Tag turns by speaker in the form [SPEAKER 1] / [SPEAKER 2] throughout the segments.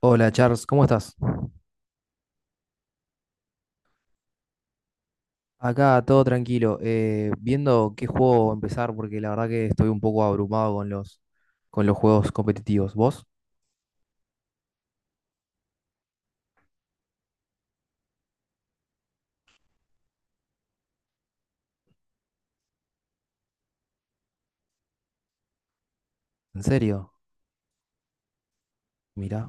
[SPEAKER 1] Hola Charles, ¿cómo estás? Acá todo tranquilo, viendo qué juego empezar porque la verdad que estoy un poco abrumado con los juegos competitivos. ¿Vos? ¿En serio? Mirá.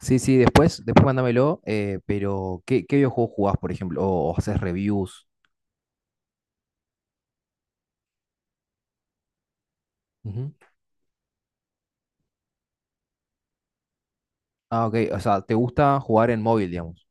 [SPEAKER 1] Sí, sí, después mándamelo, pero ¿qué videojuego jugás, por ejemplo? ¿O haces reviews? Ujú. Ah, ok, o sea, ¿te gusta jugar en móvil, digamos?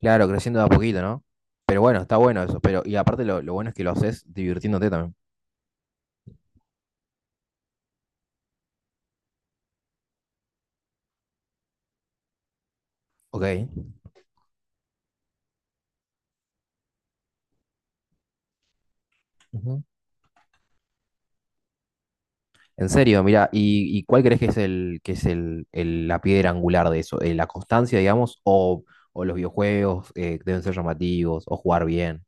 [SPEAKER 1] Claro, creciendo de a poquito, ¿no? Pero bueno, está bueno eso, pero y aparte lo bueno es que lo haces divirtiéndote también. Ok. Ujú. En serio, mira, ¿y cuál crees que es la piedra angular de eso? ¿La constancia, digamos, o los videojuegos deben ser llamativos, o jugar bien?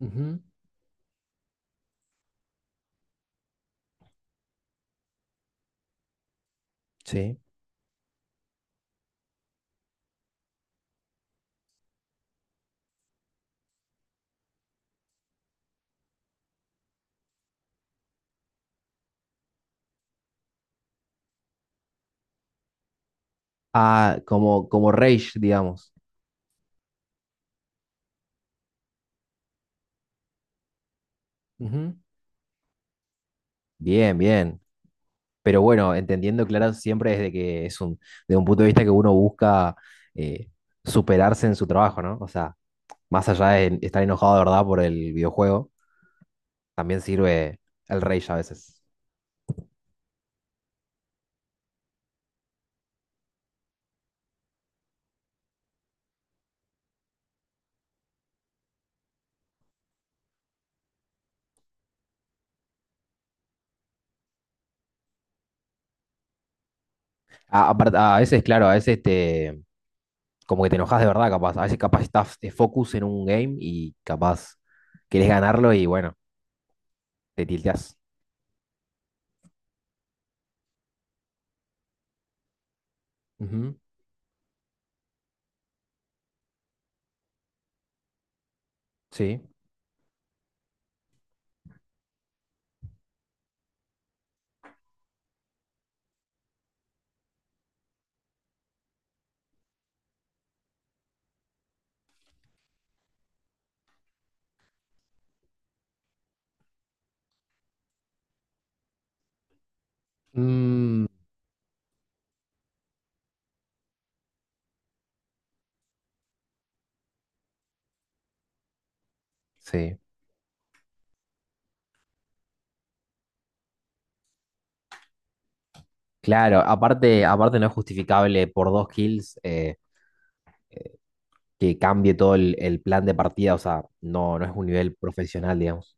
[SPEAKER 1] Ujú. Sí. Ah, como Rage, digamos. Ujú. Bien, bien. Pero bueno, entendiendo, claro, siempre desde que es de un punto de vista que uno busca eh, superarse en su trabajo, ¿no? O sea, más allá de estar enojado de verdad por el videojuego, también sirve el rage a veces. A veces, claro, a veces te, como que te enojas de verdad, capaz. A veces capaz estás de focus en un game y capaz querés ganarlo y bueno, te tilteás. Ujú. Sí. Mm, sí. Claro, aparte no es justificable por dos kills que cambie todo el plan de partida, o sea, no, no es un nivel profesional, digamos.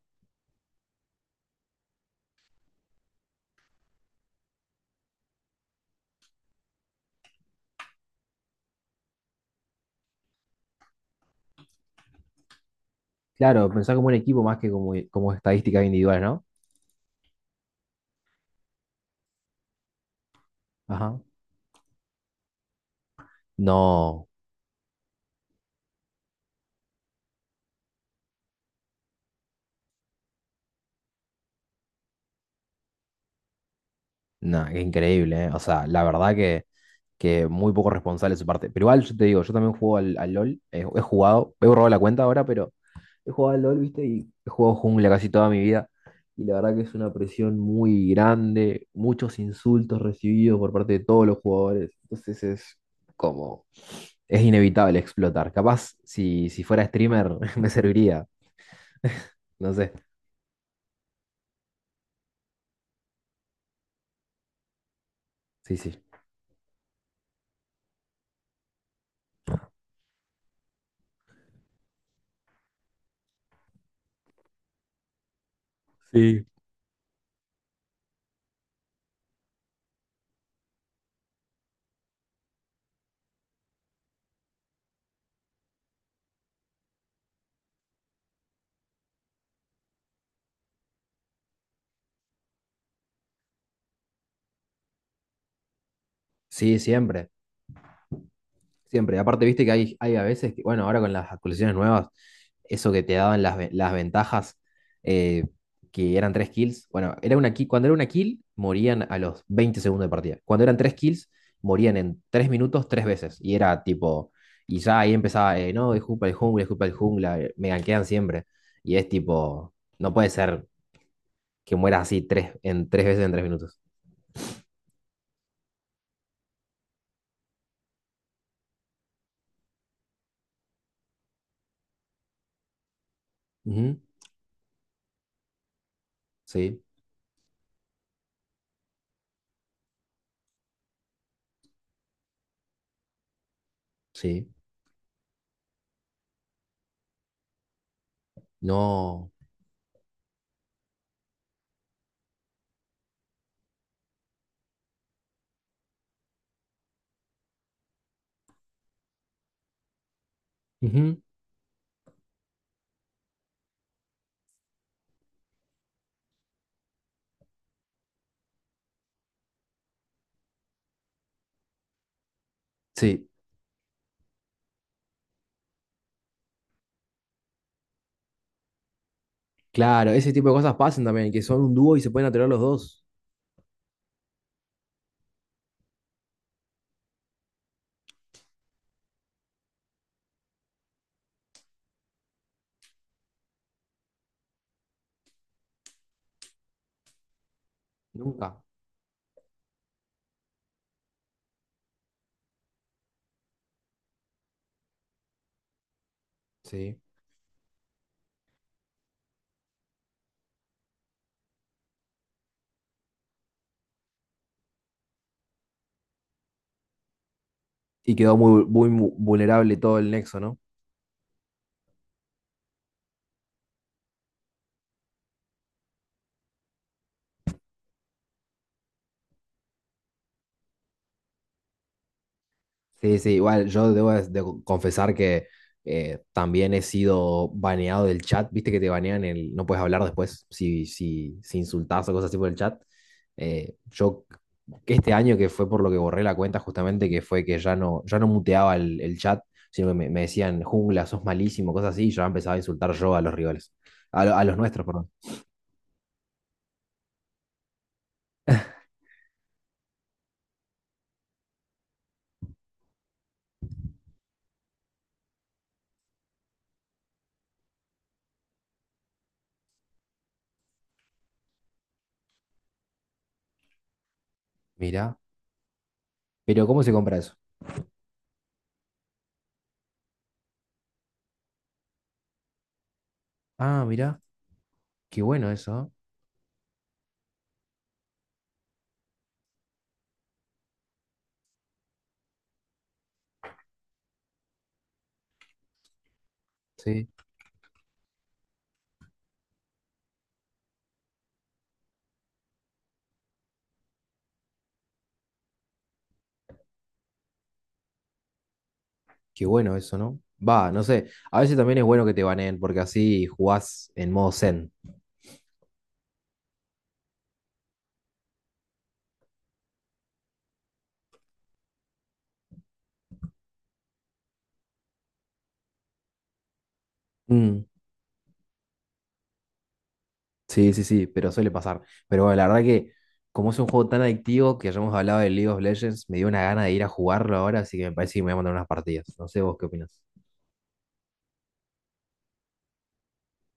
[SPEAKER 1] Claro, pensar como un equipo más que como estadísticas individuales, ¿no? Ajá. No, no, qué increíble, ¿eh? O sea, la verdad que muy poco responsable de su parte. Pero igual yo te digo, yo también juego al LOL, he jugado, he borrado la cuenta ahora, pero he jugado al LOL, ¿viste? Y he jugado jungla casi toda mi vida. Y la verdad que es una presión muy grande, muchos insultos recibidos por parte de todos los jugadores. Entonces es como, es inevitable explotar. Capaz si fuera streamer me serviría, no sé. Sí, sí. Sí. Sí, siempre. Siempre. Aparte, viste que hay a veces que, bueno, ahora con las actualizaciones nuevas, eso que te daban las ventajas, eh, que eran tres kills. Bueno, era una kill, cuando era una kill, morían a los 20 segundos de partida. Cuando eran tres kills, morían en 3 minutos tres veces. Y era tipo, y ya ahí empezaba, no, es culpa del jungla, es culpa del jungla, me gankean siempre. Y es tipo, no puede ser que mueras así en tres veces en 3 minutos. Ujú. Sí, sí. No. Ujú. Sí. Claro, ese tipo de cosas pasan también, que son un dúo y se pueden atorar los dos. Nunca. Sí. Y quedó muy vulnerable todo el nexo, ¿no? Sí, sí, igual yo debo de confesar que también he sido baneado del chat, viste que te banean no puedes hablar después si insultás o cosas así por el chat. Yo que este año que fue por lo que borré la cuenta justamente, que fue que ya no muteaba el chat, sino que me decían jungla, sos malísimo, cosas así, y ya empezaba a insultar yo a los rivales, a los nuestros, perdón. Mirá, pero ¿cómo se compra eso? Ah, mirá, qué bueno eso, ¿eh? Sí, qué bueno eso, ¿no? Va, no sé, a veces también es bueno que te baneen porque así jugás en modo zen. Mm, sí, sí, sí, pero suele pasar. Pero bueno, la verdad que como es un juego tan adictivo que ya hemos hablado de League of Legends, me dio una gana de ir a jugarlo ahora, así que me parece que me voy a mandar unas partidas. No sé vos qué opinas.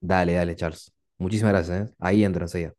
[SPEAKER 1] Dale, dale, Charles. Muchísimas gracias, ¿eh? Ahí entro enseguida.